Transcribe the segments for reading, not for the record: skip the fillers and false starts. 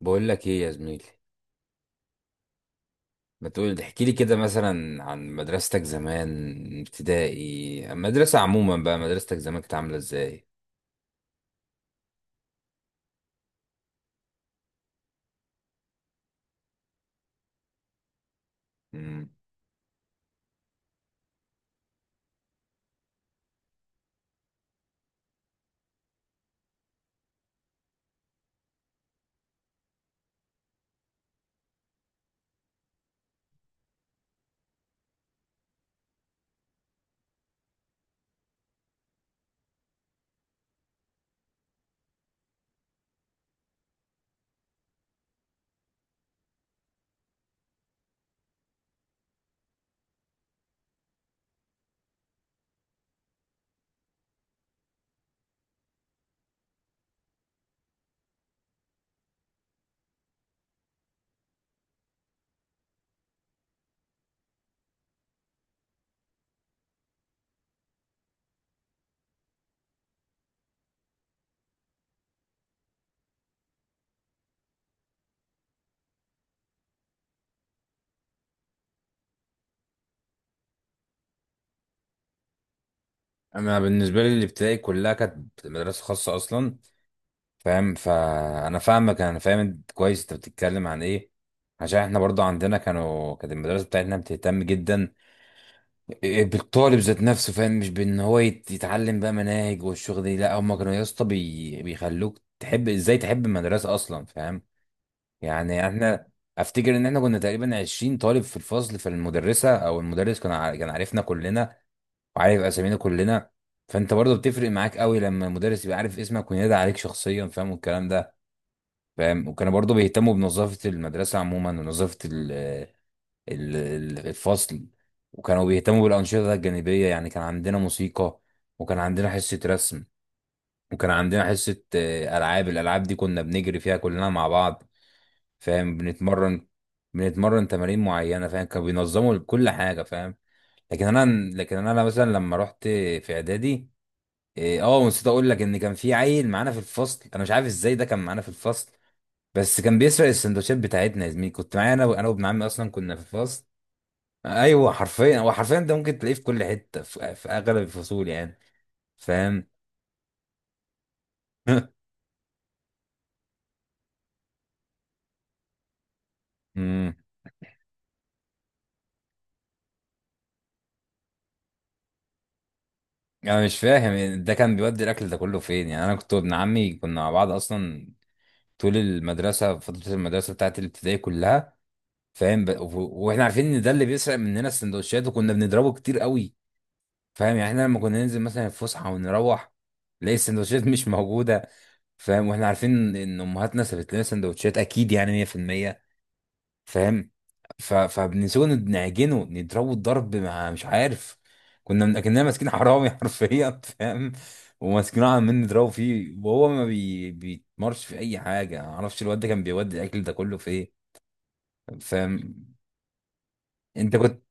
بقول لك ايه يا زميلي؟ ما تقول احكي لي كده مثلا عن مدرستك زمان، ابتدائي، المدرسة عموما بقى، مدرستك زمان كانت عاملة ازاي؟ مم. انا بالنسبة لي الابتدائي كلها كانت مدرسة خاصة اصلا، فاهم؟ فانا فاهمك، انا فاهم انت كويس انت بتتكلم عن ايه. عشان احنا برضو عندنا كانت المدرسة بتاعتنا بتهتم جدا بالطالب ذات نفسه، فاهم؟ مش بان هو يتعلم بقى مناهج والشغل دي، لا هم كانوا يا اسطى بيخلوك تحب، ازاي تحب المدرسة اصلا، فاهم؟ يعني احنا افتكر ان احنا كنا تقريبا 20 طالب في الفصل، فالمدرسه او المدرس كان كان عارفنا كلنا وعارف اسامينا كلنا. فانت برضه بتفرق معاك قوي لما المدرس يبقى عارف اسمك وينادي عليك شخصيا، فاهم والكلام ده. فاهم؟ وكانوا برضه بيهتموا بنظافه المدرسه عموما، ونظافه الفصل، وكانوا بيهتموا بالانشطه الجانبيه، يعني كان عندنا موسيقى، وكان عندنا حصه رسم، وكان عندنا حصه الالعاب دي كنا بنجري فيها كلنا مع بعض، فاهم؟ بنتمرن، بنتمرن تمارين معينه، فاهم؟ كانوا بينظموا كل حاجه، فاهم؟ لكن انا، لكن انا مثلا لما رحت في اعدادي، إيه، اه ونسيت اقول لك ان كان في عيل معانا في الفصل، انا مش عارف ازاي ده كان معانا في الفصل، بس كان بيسرق السندوتشات بتاعتنا يا زميلي، كنت معايا انا وابن عمي اصلا كنا في الفصل. ايوه حرفيا، هو حرفيا ده ممكن تلاقيه في كل حته، في اغلب الفصول يعني، فاهم؟ امم. انا مش فاهم ده كان بيودي الاكل ده كله فين، يعني انا كنت وابن عمي كنا مع بعض اصلا طول المدرسه، فتره المدرسه بتاعت الابتدائي كلها، فاهم؟ واحنا عارفين ان ده اللي بيسرق مننا السندوتشات، وكنا بنضربه كتير قوي، فاهم؟ يعني احنا لما كنا ننزل مثلا الفسحه ونروح نلاقي السندوتشات مش موجوده، فاهم؟ واحنا عارفين ان امهاتنا سابت لنا سندوتشات اكيد، يعني 100%، فاهم؟ فبنسيبه نعجنه نضربه الضرب، مع مش عارف، كنا ماسكين حرامي حرفيا، فاهم؟ وماسكينه عمالين نضربه فيه، وهو ما بي... بيتمرش في اي حاجه، ما اعرفش الواد ده كان بيودي الاكل ده كله في ايه، فاهم؟ انت كنت،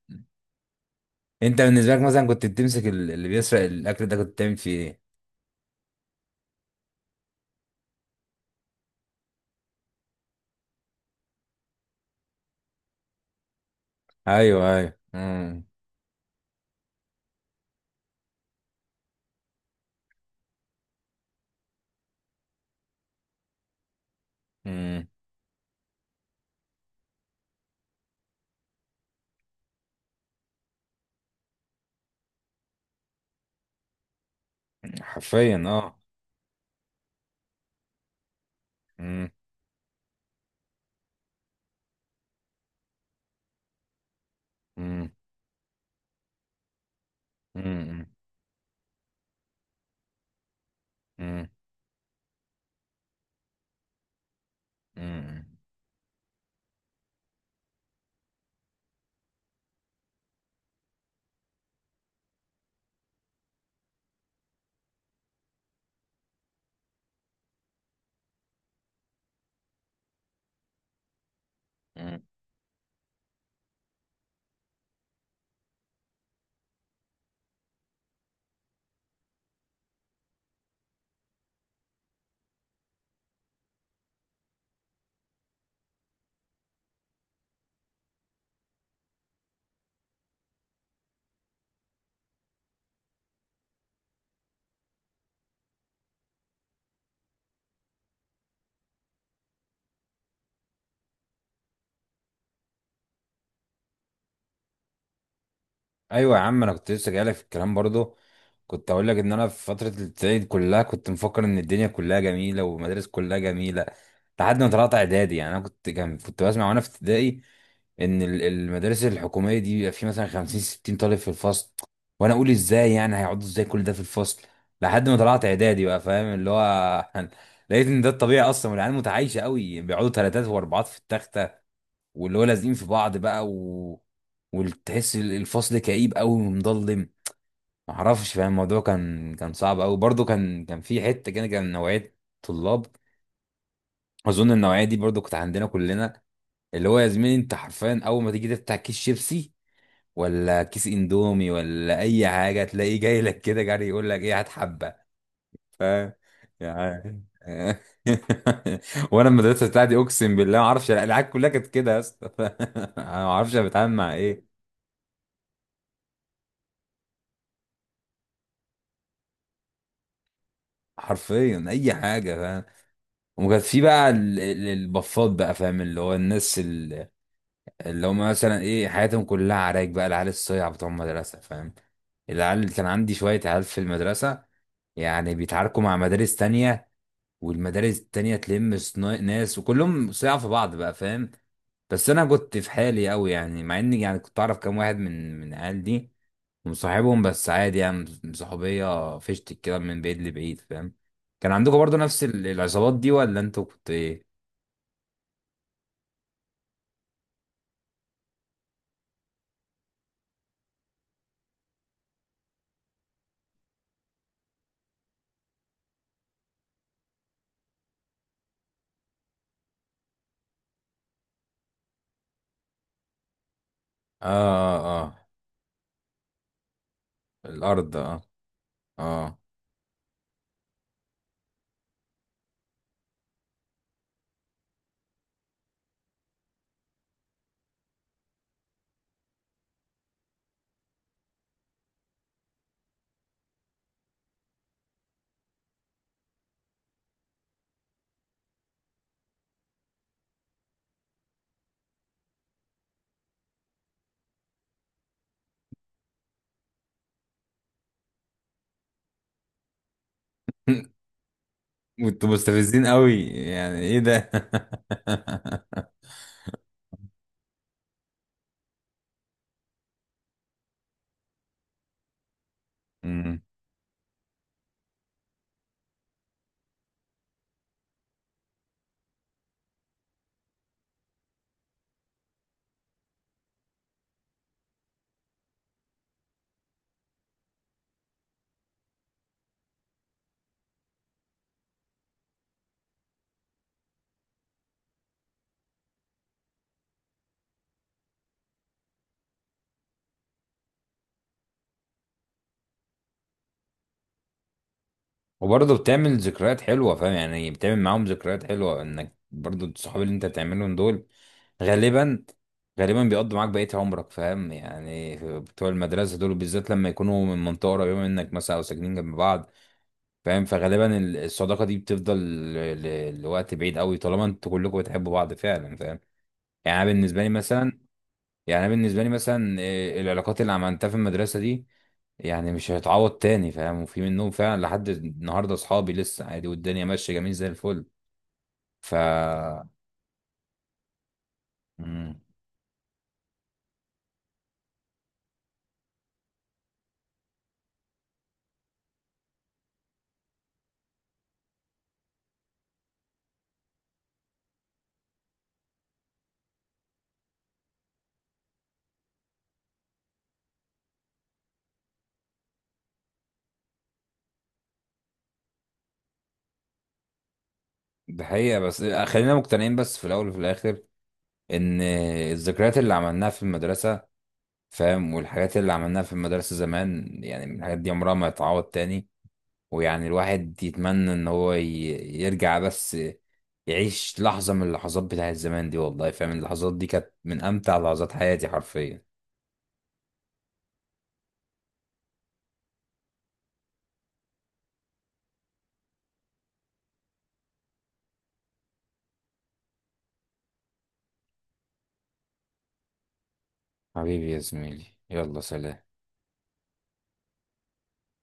انت بالنسبه لك مثلا كنت بتمسك اللي بيسرق الاكل ده كنت بتعمل فيه ايه؟ ايوه، ايوه، امم. امم. حرفيا، اه. امم. امم. امم. امم. ايوه يا عم، انا كنت لسه جايلك في الكلام برضو، كنت اقول لك ان انا في فتره الابتدائي دي كلها كنت مفكر ان الدنيا كلها جميله والمدارس كلها جميله، لحد ما طلعت اعدادي. يعني انا كنت، كنت بسمع وانا في ابتدائي ان المدارس الحكوميه دي بيبقى في مثلا 50 60 طالب في الفصل، وانا اقول ازاي يعني، هيقعدوا ازاي كل ده في الفصل؟ لحد ما طلعت اعدادي بقى، فاهم؟ اللي هو لقيت ان ده الطبيعي اصلا، والعيال متعايشه قوي، بيقعدوا ثلاثات واربعات في التخت، واللي هو لازقين في بعض بقى، وتحس الفصل كئيب قوي ومظلم، معرفش، فاهم؟ الموضوع كان صعب قوي برضو، كان في حته كده، كان نوعيه طلاب، اظن النوعيه دي برضو كانت عندنا كلنا، اللي هو يا زميلي انت حرفيا اول ما تيجي تفتح كيس شيبسي ولا كيس اندومي ولا اي حاجه، تلاقيه جاي لك كده جري يقول لك ايه هات حبه، يعني! وانا المدرسه بتاعتي اقسم بالله ما اعرفش، العيال كلها كانت كده يا اسطى ما اعرفش انا بتعامل مع ايه، حرفيا اي حاجه، فاهم؟ وكانت في بقى البفات بقى، فاهم؟ اللي هو الناس اللي هم مثلا ايه، حياتهم كلها عراك بقى، العيال الصيع بتوع المدرسه، فاهم؟ العيال اللي كان عندي، شويه عيال في المدرسه يعني بيتعاركوا مع مدارس تانية، والمدارس التانية تلم ناس، وكلهم صيع في بعض بقى، فاهم؟ بس انا كنت في حالي قوي يعني، مع اني يعني كنت اعرف كام واحد من العيال دي، مصاحبهم بس عادي يعني، صحوبية فشت كده من بعيد لبعيد، فاهم؟ كان عندكم برضو نفس العصابات دي ولا انتوا كنت ايه؟ اه، اه، آه. الارض، اه. اه. انتوا مستفزين قوي، يعني ايه ده؟ وبرضه بتعمل ذكريات حلوة، فاهم؟ يعني بتعمل معاهم ذكريات حلوة، انك برضه الصحاب اللي انت تعملهم دول غالبا، غالبا بيقضوا معاك بقية عمرك، فاهم؟ يعني بتوع المدرسة دول بالذات لما يكونوا من منطقة قريبة منك مثلا، أو ساكنين جنب بعض، فاهم؟ فغالبا الصداقة دي بتفضل لوقت بعيد قوي، طالما انتوا كلكم بتحبوا بعض فعلا، فاهم؟ يعني أنا بالنسبة لي مثلا، يعني أنا بالنسبة لي مثلا العلاقات اللي عملتها في المدرسة دي يعني مش هتعوض تاني، فاهم؟ وفي منهم فعلا لحد النهاردة أصحابي لسه عادي، والدنيا ماشية جميل زي الفل. ف مم. ده حقيقة، بس خلينا مقتنعين بس في الأول وفي الآخر إن الذكريات اللي عملناها في المدرسة، فاهم؟ والحاجات اللي عملناها في المدرسة زمان، يعني الحاجات دي عمرها ما هتعوض تاني، ويعني الواحد يتمنى ان هو يرجع بس يعيش لحظة من اللحظات بتاعت زمان دي، والله، فاهم؟ اللحظات دي كانت من امتع لحظات حياتي حرفيا. حبيبي يا زميلي، يلا سلام.